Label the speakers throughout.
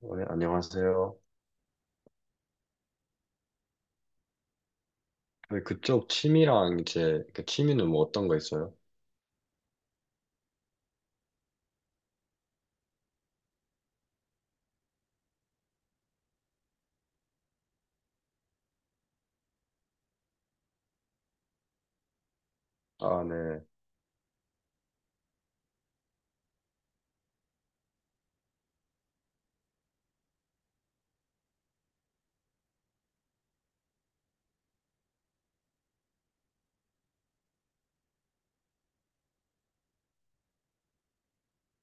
Speaker 1: 네, 안녕하세요. 네, 그쪽 취미랑 이제 그 취미는 뭐 어떤 거 있어요? 아, 네.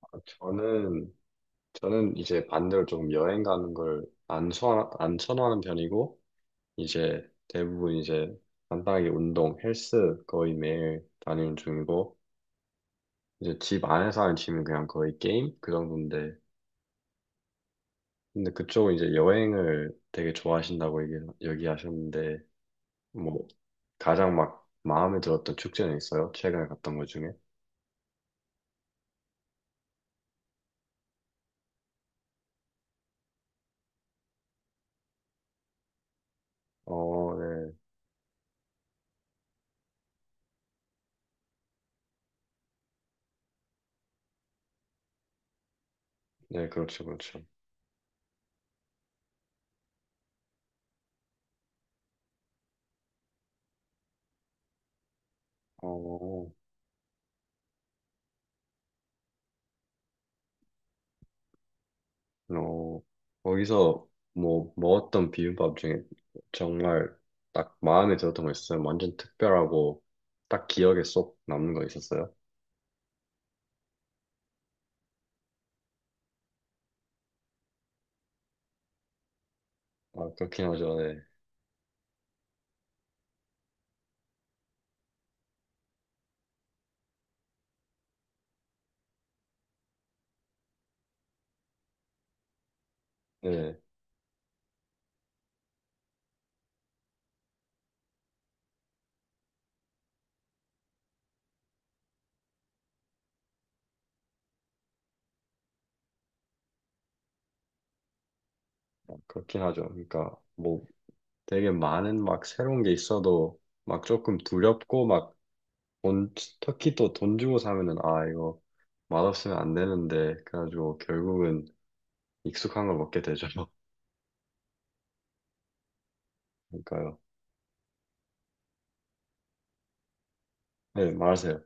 Speaker 1: 아, 저는 이제 반대로 조금 여행 가는 걸 안 선안 선호하는 편이고 이제 대부분 이제 간단하게 운동, 헬스 거의 매일 다니는 중이고 이제 집 안에서 하는 취미는 그냥 거의 게임 그 정도인데 근데 그쪽은 이제 여행을 되게 좋아하신다고 얘기하셨는데. 뭐 가장 막 마음에 들었던 축제는 있어요? 최근에 갔던 것 중에? 어, 네. 네, 그렇죠, 그렇죠. 어, 어, 거기서 뭐 먹었던 비빔밥 중에 정말 딱 마음에 들었던 거 있어요? 완전 특별하고 딱 기억에 쏙 남는 거 있었어요? 아, 그렇긴 하죠, 네. 네, 아, 그렇긴 하죠. 그러니까 뭐 되게 많은 막 새로운 게 있어도 막 조금 두렵고 막 돈, 특히 또 돈 주고 사면은 아, 이거 맛없으면 안 되는데 그래가지고 결국은 익숙한 걸 먹게 되죠. 그러니까요. 네, 말하세요.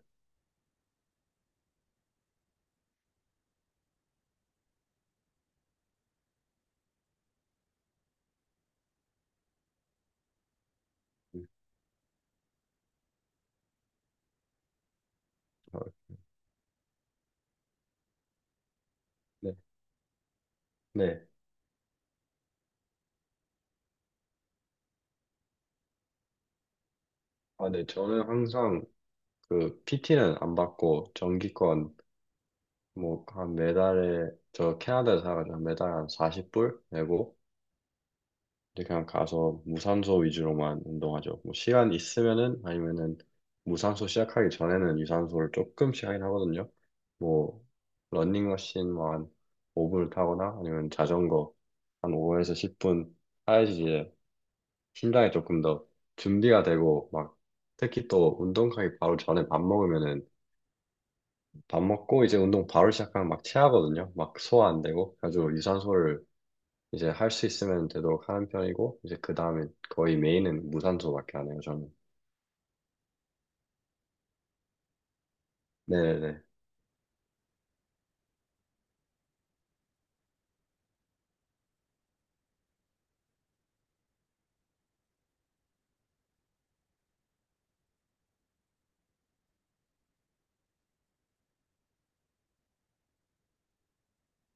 Speaker 1: 음, 어, 네, 네. 아, 네, 저는 항상 그 PT는 안 받고 정기권 뭐 한 매달에 저 캐나다에 살아가지고 한 매달 한 40불 내고 이제 그냥 가서 무산소 위주로만 운동하죠. 뭐 시간 있으면은 아니면은 무산소 시작하기 전에는 유산소를 조금씩 하긴 하거든요. 뭐 러닝머신 뭐한 5분을 타거나 아니면 자전거 한 5에서 10분 타야지 심장이 조금 더 준비가 되고 막 특히 또 운동하기 바로 전에 밥 먹으면은 밥 먹고 이제 운동 바로 시작하면 막 체하거든요. 막 소화 안 되고 아주 유산소를 이제 할 수 있으면 되도록 하는 편이고 이제 그 다음에 거의 메인은 무산소밖에 안 해요 저는. 네네네.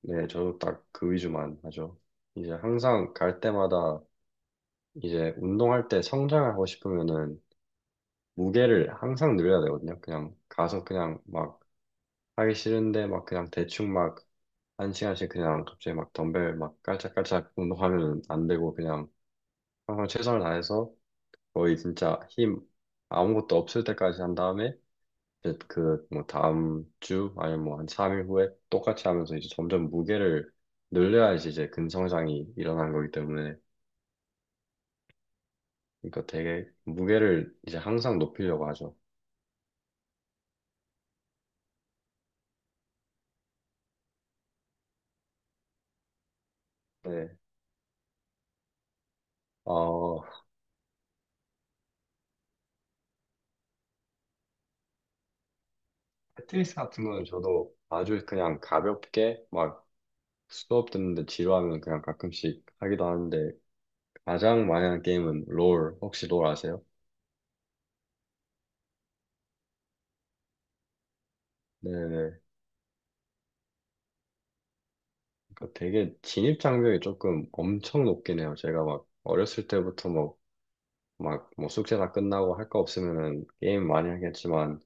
Speaker 1: 네 저도 딱 그 위주만 하죠. 이제 항상 갈 때마다 이제 운동할 때 성장하고 싶으면은 무게를 항상 늘려야 되거든요. 그냥 가서 그냥 막 하기 싫은데 막 그냥 대충 막 한 시간씩 그냥 갑자기 막 덤벨 막 깔짝깔짝 운동하면 안 되고 그냥 항상 최선을 다해서 거의 진짜 힘 아무것도 없을 때까지 한 다음에 이제 그 뭐 다음 주 아니면 뭐 한 3일 후에 똑같이 하면서 이제 점점 무게를 늘려야지 이제 근성장이 일어나는 거기 때문에 그러니까 되게 무게를 이제 항상 높이려고 하죠. 네. 어, 패트리스 같은 거는 저도 아주 그냥 가볍게 막 수업 듣는데 지루하면 그냥 가끔씩 하기도 하는데 가장 많이 하는 게임은 롤. 혹시 롤 아세요? 네네. 그 되게 진입 장벽이 조금 엄청 높긴 해요. 제가 막 어렸을 때부터 뭐, 막, 뭐 숙제 다 끝나고 할 거 없으면은 게임 많이 하겠지만,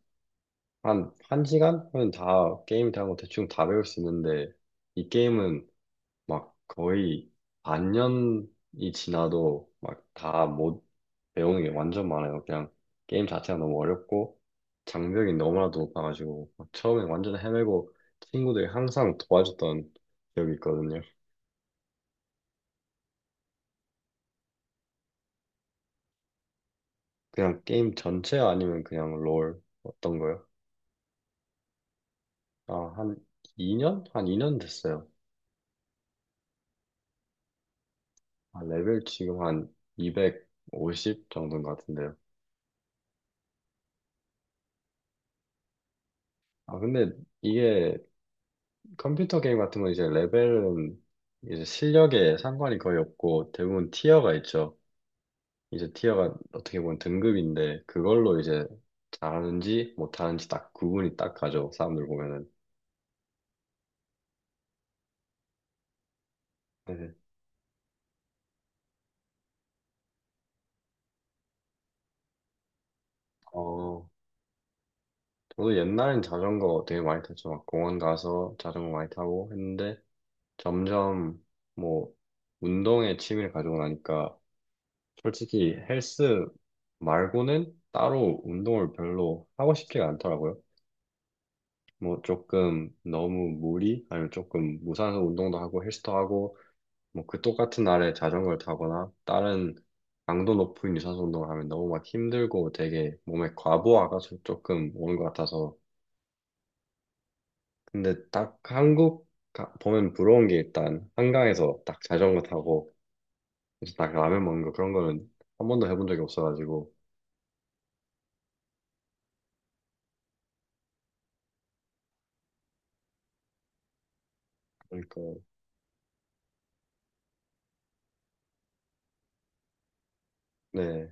Speaker 1: 한 시간은 다, 게임 대한 거 대충 다 배울 수 있는데, 이 게임은 막 거의 반년이 지나도 막 다 못 배우는 게 완전 많아요. 그냥 게임 자체가 너무 어렵고 장벽이 너무나도 높아가지고 막 처음에 완전 헤매고 친구들이 항상 도와줬던 기억이 있거든요. 그냥 게임 전체 아니면 그냥 롤 어떤 거요? 아, 한 2년? 한 2년 됐어요. 아, 레벨 지금 한 250 정도인 것 같은데요. 아, 근데 이게 컴퓨터 게임 같은 건 이제 레벨은 이제 실력에 상관이 거의 없고 대부분 티어가 있죠. 이제 티어가 어떻게 보면 등급인데 그걸로 이제 잘하는지 못하는지 딱 구분이 딱 가죠. 사람들 보면은. 네. 어, 저도 옛날엔 자전거 되게 많이 탔죠. 막 공원 가서 자전거 많이 타고 했는데 점점 뭐 운동에 취미를 가지고 나니까 솔직히 헬스 말고는 따로 운동을 별로 하고 싶지가 않더라고요. 뭐 조금 너무 무리 아니면 조금 무산소 운동도 하고 헬스도 하고 뭐 그 똑같은 날에 자전거를 타거나 다른 강도 높은 유산소 운동을 하면 너무 막 힘들고 되게 몸에 과부하가 조금 오는 것 같아서 근데 딱 한국 가- 보면 부러운 게 일단 한강에서 딱 자전거 타고 그래서 딱 라면 먹는 거 그런 거는 한 번도 해본 적이 없어가지고 그러니까 네,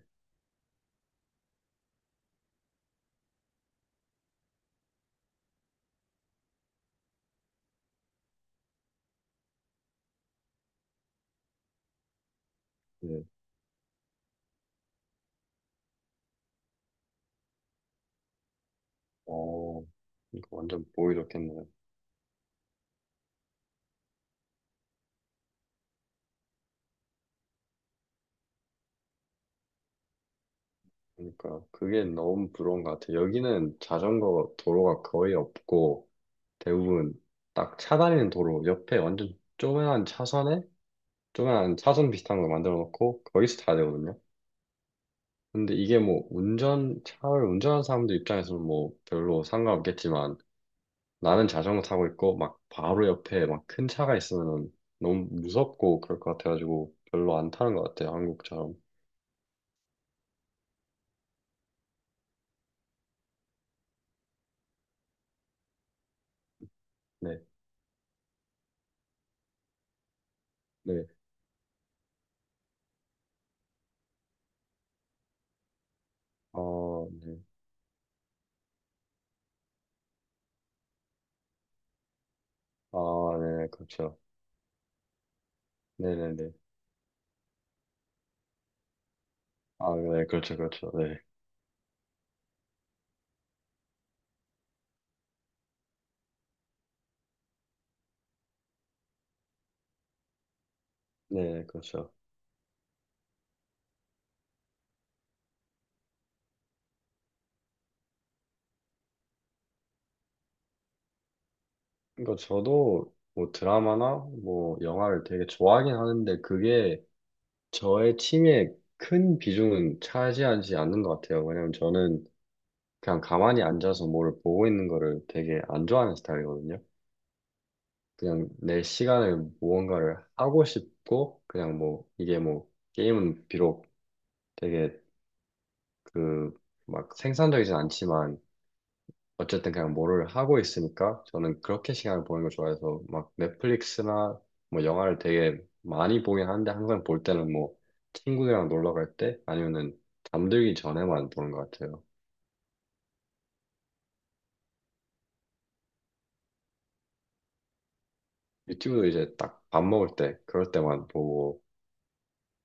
Speaker 1: 네. 어, 이거 완전 보이 좋겠네요. 그러니까 그게 너무 부러운 것 같아요. 여기는 자전거 도로가 거의 없고 대부분 딱 차 다니는 도로 옆에 완전 조그만한 차선에 조그만한 차선 비슷한 거 만들어 놓고 거기서 타야 되거든요. 근데 이게 뭐 운전 차를 운전하는 사람들 입장에서는 뭐 별로 상관없겠지만 나는 자전거 타고 있고 막 바로 옆에 막 큰 차가 있으면 너무 무섭고 그럴 것 같아가지고 별로 안 타는 것 같아요. 한국처럼. 네, 네, 어, 네, 아, 네, 그렇죠. 네네네. 아, 네, 그렇죠, 그렇죠. 네. 네, 그렇죠. 그러니까 저도 뭐 드라마나 뭐 영화를 되게 좋아하긴 하는데 그게 저의 취미에 큰 비중은 차지하지 않는 것 같아요. 왜냐면 저는 그냥 가만히 앉아서 뭐를 보고 있는 거를 되게 안 좋아하는 스타일이거든요. 그냥 내 시간을 무언가를 하고 싶고 그냥 뭐 이게 뭐 게임은 비록 되게 그 막 생산적이진 않지만 어쨌든 그냥 뭐를 하고 있으니까 저는 그렇게 시간을 보는 걸 좋아해서 막 넷플릭스나 뭐 영화를 되게 많이 보긴 하는데 항상 볼 때는 뭐 친구들이랑 놀러 갈 때 아니면은 잠들기 전에만 보는 것 같아요. 유튜브도 이제 딱 밥 먹을 때 그럴 때만 보고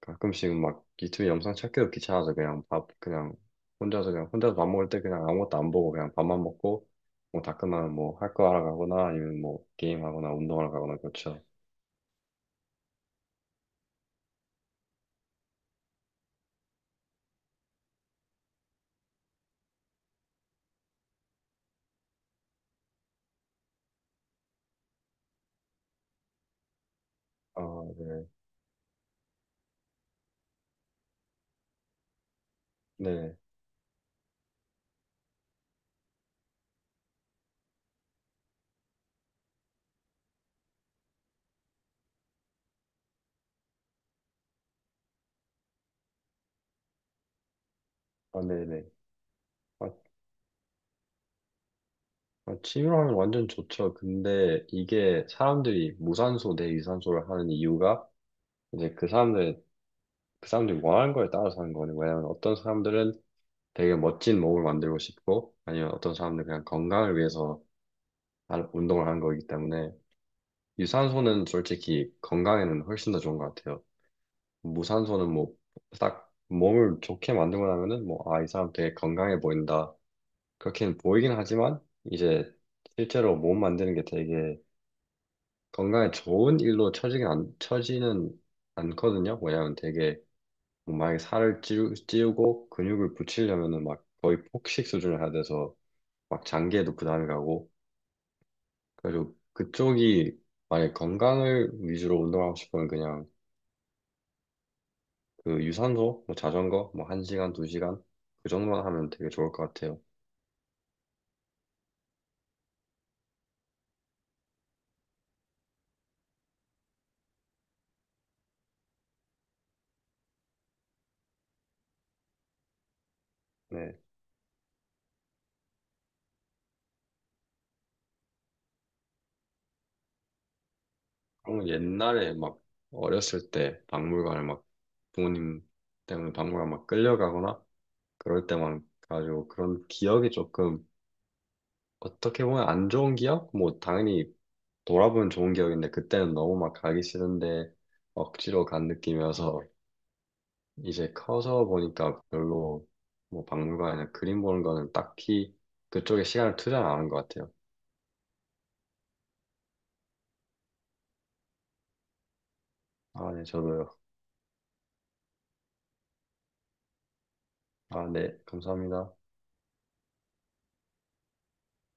Speaker 1: 가끔씩 막 유튜브 영상 찾기도 귀찮아서 그냥 밥 그냥 혼자서 그냥 혼자서 밥 먹을 때 그냥 아무것도 안 보고 그냥 밥만 먹고 뭐 다 끝나면 뭐 할 거 하러 가거나 아니면 뭐 게임하거나 운동하러 가거나 그렇죠. 아, 네. 네. 아, 네네. 아, 아, 취미로하면 완전 좋죠. 근데 이게 사람들이 무산소 대 유산소를 하는 이유가 이제 그 사람들 그 사람들이 원하는 거에 따라서 하는 거는 왜냐면 어떤 사람들은 되게 멋진 몸을 만들고 싶고 아니면 어떤 사람들은 그냥 건강을 위해서 운동을 하는 거기 때문에 유산소는 솔직히 건강에는 훨씬 더 좋은 것 같아요. 무산소는 뭐 딱 몸을 좋게 만들고 나면은 뭐 아, 이 사람 되게 건강해 보인다. 그렇게는 보이긴 하지만 이제 실제로 몸 만드는 게 되게 건강에 좋은 일로 처지긴 안, 처지는 않거든요. 왜냐면 되게 뭐 만약에 찌우고 근육을 붙이려면은 막 거의 폭식 수준을 해야 돼서 막 장기에도 부담이 가고 그래서 그쪽이 만약에 건강을 위주로 운동하고 싶으면 그냥 그 유산소 뭐 자전거 뭐 한 시간 두 시간 그 정도만 하면 되게 좋을 것 같아요. 네. 그럼 옛날에 막 어렸을 때 박물관을 막 부모님 때문에 박물관 막 끌려가거나 그럴 때만 가지고 그런 기억이 조금 어떻게 보면 안 좋은 기억? 뭐 당연히 돌아보면 좋은 기억인데 그때는 너무 막 가기 싫은데 억지로 간 느낌이어서 이제 커서 보니까 별로 뭐 박물관이나 그림 보는 거는 딱히 그쪽에 시간을 투자를 안 하는 것 같아요. 아, 네, 저도요. 아, 네, 감사합니다.